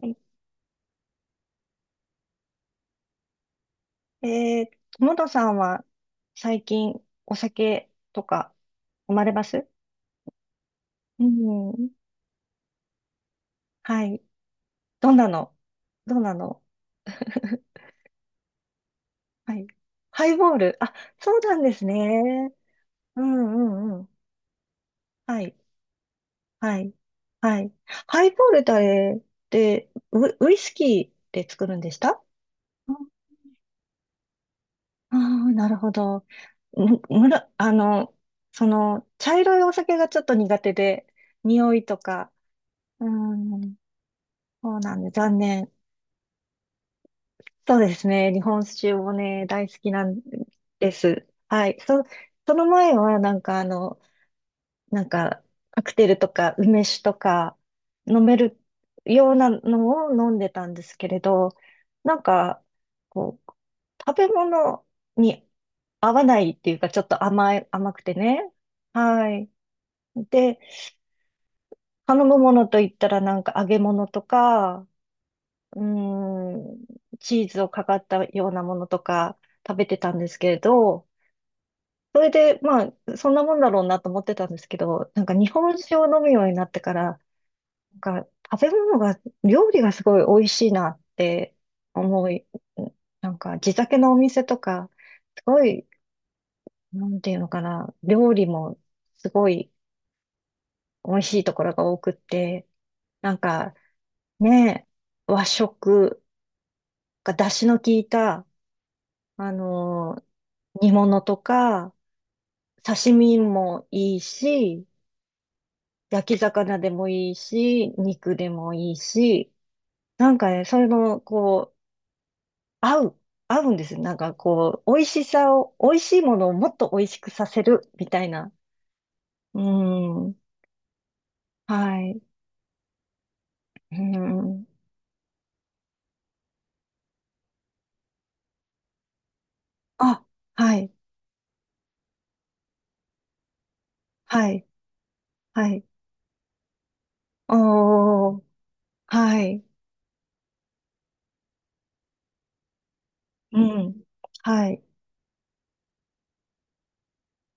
はい。友野さんは最近お酒とか飲まれます？うん。はい。どんなのどんなの？はい。ハイボール。あ、そうなんですね。うんうんうん。はい。はい。はい。ハイボールってウイスキーで作るんでした？ああー、なるほど。む、むら、その、茶色いお酒がちょっと苦手で、匂いとか。うん。そうなんで、残念。そうですね。日本酒もね、大好きなんです。はい。その前は、なんかなんか、カクテルとか梅酒とか飲めるようなのを飲んでたんですけれど、なんか、こう、食べ物に合わないっていうか、ちょっと甘い、甘くてね。はい。で、頼むものといったら、なんか揚げ物とか、うーん、チーズをかかったようなものとか食べてたんですけれど、それで、まあ、そんなもんだろうなと思ってたんですけど、なんか日本酒を飲むようになってから、なんか食べ物が、料理がすごい美味しいなって思い、なんか地酒のお店とか、すごい、なんていうのかな、料理もすごい美味しいところが多くって、なんかね、和食、が出汁の効いた、あの煮物とか、刺身もいいし、焼き魚でもいいし、肉でもいいし、なんかね、それの、こう、合う、合うんですよ。なんかこう、美味しさを、美味しいものをもっと美味しくさせる、みたいな。うん。はい。うん。あ、はい。はい。はい。おー。はい。うん。はい。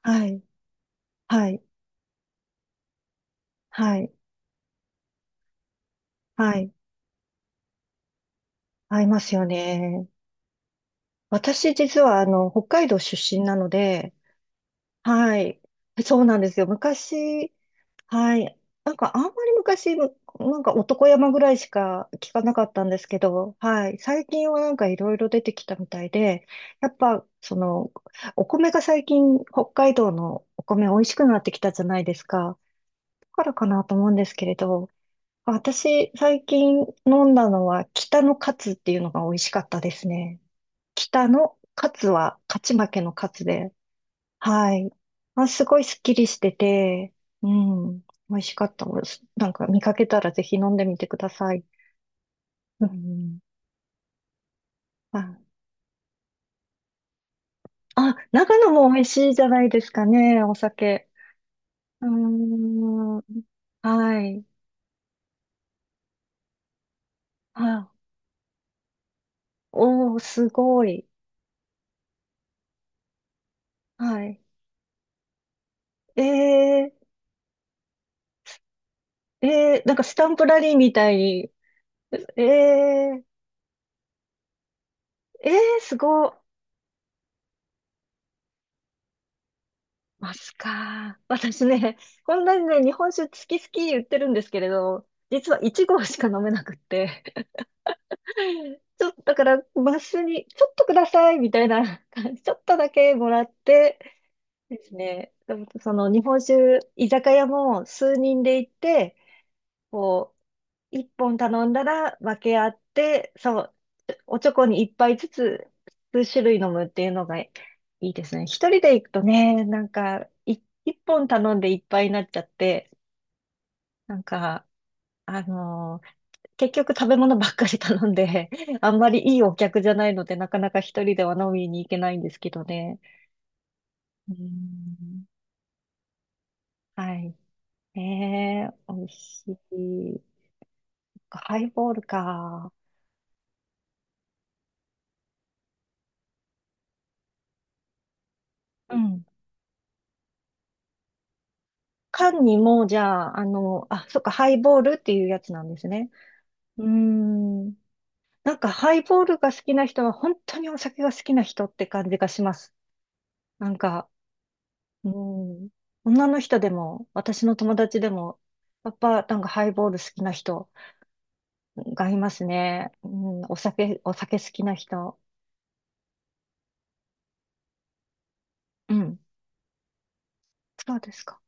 はい。はい。はい。はい。合いますよね。私実は北海道出身なので、はい。そうなんですよ。昔、はい。なんかあんまり昔、なんか男山ぐらいしか聞かなかったんですけど、はい。最近はなんかいろいろ出てきたみたいで、やっぱその、お米が最近北海道のお米美味しくなってきたじゃないですか。だからかなと思うんですけれど、私最近飲んだのは北のカツっていうのが美味しかったですね。北の勝つは勝ち負けの勝つで、はい。あ、すごいスッキリしてて、うん、美味しかったです。なんか見かけたらぜひ飲んでみてください。うん、あ、あ、長野も美味しいじゃないですかね、お酒。うーん、はい。あ、おー、すごい。はい。えなんかスタンプラリーみたいに。えー、えすごい。マスか。私ね、こんなにね、日本酒好き好き言ってるんですけれど、実は1合しか飲めなくって、ちょっと、だから、マスに、ちょっとくださいみたいな感じ、ちょっとだけもらってですね、でもその日本酒、居酒屋も数人で行って、こ一本頼んだら分け合って、そう、おちょこに一杯ずつ、数種類飲むっていうのがいいですね。一人で行くとね、なんか、一本頼んでいっぱいになっちゃって、なんか、あのー結局食べ物ばっかり頼んで、あんまりいいお客じゃないので、なかなか一人では飲みに行けないんですけどね。うーん、はい。美味しい。ハイボールか。うん。缶にも、じゃあ、あ、そっか、ハイボールっていうやつなんですね。うーん。なんか、ハイボールが好きな人は、本当にお酒が好きな人って感じがします。なんか、うん。女の人でも、私の友達でも、やっぱ、なんか、ハイボール好きな人がいますね。うん、お酒好きな人。うん。そうですか。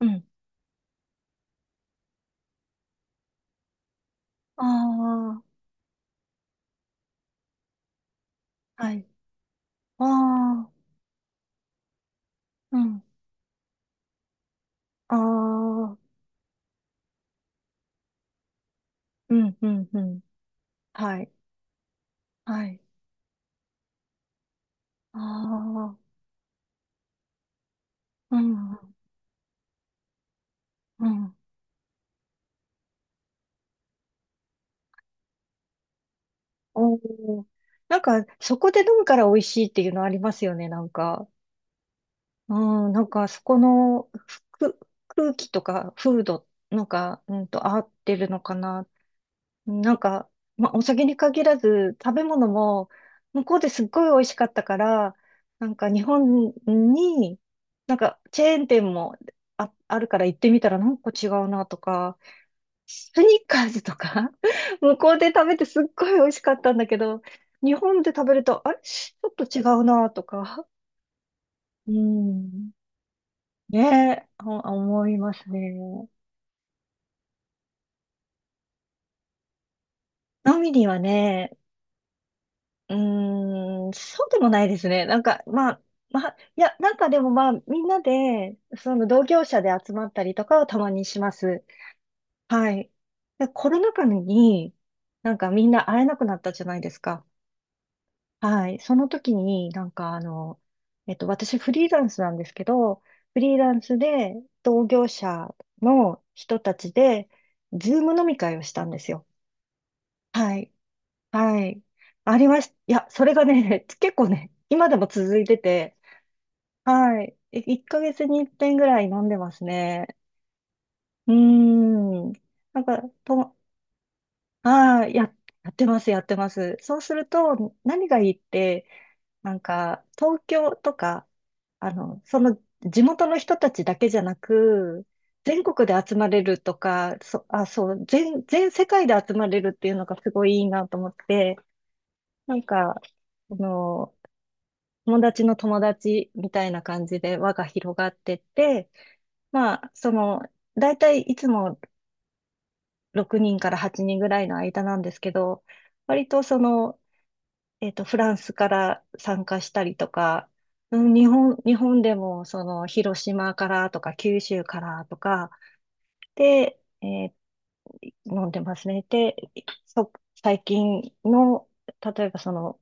うん。ああ、はい。ああ、うん。ああ、うん、うん、うん。はい。はい。ああ、うん、うん。おー。なんか、そこで飲むから美味しいっていうのありますよね、なんか。うん、なんか、そこのふ空気とか、風土、なんか、合ってるのかな。なんか、まあ、お酒に限らず、食べ物も、向こうですっごい美味しかったから、なんか、日本に、なんか、チェーン店もあるから行ってみたら、なんか違うなとか、スニーカーズとか 向こうで食べてすっごい美味しかったんだけど、日本で食べると、あれちょっと違うなとか。うん。ねえ、あ思いますね。飲みにはね、うーん、そうでもないですね。なんか、まあ、いや、なんかでもまあ、みんなで、その同業者で集まったりとかはたまにします。はい。で、コロナ禍に、なんかみんな会えなくなったじゃないですか。はい。その時に、なんか私フリーランスなんですけど、フリーランスで同業者の人たちで、ズーム飲み会をしたんですよ。はい。はい。ありました。いや、それがね、結構ね、今でも続いてて、はい。1ヶ月に1遍ぐらい飲んでますね。うーん。なんか、ああ、やってます、やってます。そうすると、何がいいって、なんか、東京とか、その地元の人たちだけじゃなく、全国で集まれるとか、そう、全世界で集まれるっていうのがすごいいいなと思って、なんか、その、友達の友達みたいな感じで輪が広がってって、まあ、その、だいたいいつも6人から8人ぐらいの間なんですけど、割とその、フランスから参加したりとか、うん。日本でも、その、広島からとか、九州からとか、で、飲んでますね。で、そ、最近の、例えばその、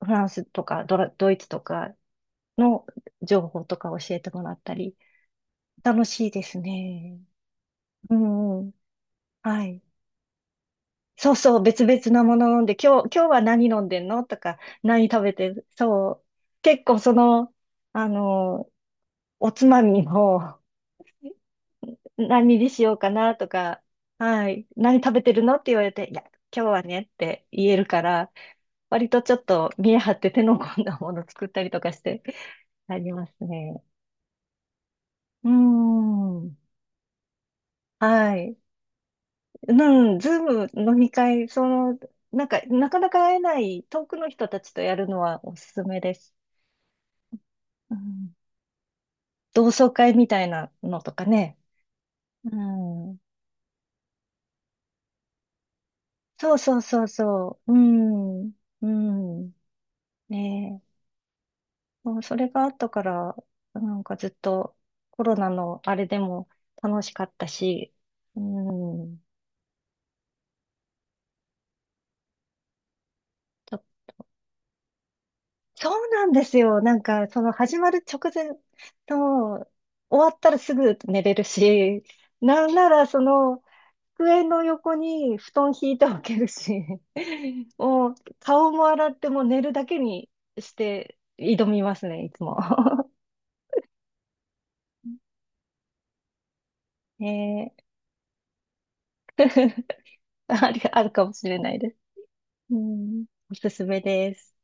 フランスとかドイツとかの情報とか教えてもらったり、楽しいですね。うんうん。はい。そうそう、別々なもの飲んで、今日は何飲んでんのとか、何食べてそう。結構その、あのおつまみも、何にしようかなとか、はい、何食べてるのって言われて、いや、今日はねって言えるから、割とちょっと見え張って手の込んだもの作ったりとかして、ありますね。うーん。はい。うん、ズーム飲み会、その、なんか、なかなか会えない遠くの人たちとやるのはおすすめです。うん、同窓会みたいなのとかね。うん。そうそうそうそう。うん。うん。ねえ、もうそれがあったから、なんかずっとコロナのあれでも楽しかったし、うん、ちょ、そうなんですよ。なんか、その始まる直前と、終わったらすぐ寝れるし、なんならその、机の横に布団敷いておけるし、もう顔も洗ってもう寝るだけにして挑みますね、いつも。ねえ あるかもしれないです。うん、おすすめです。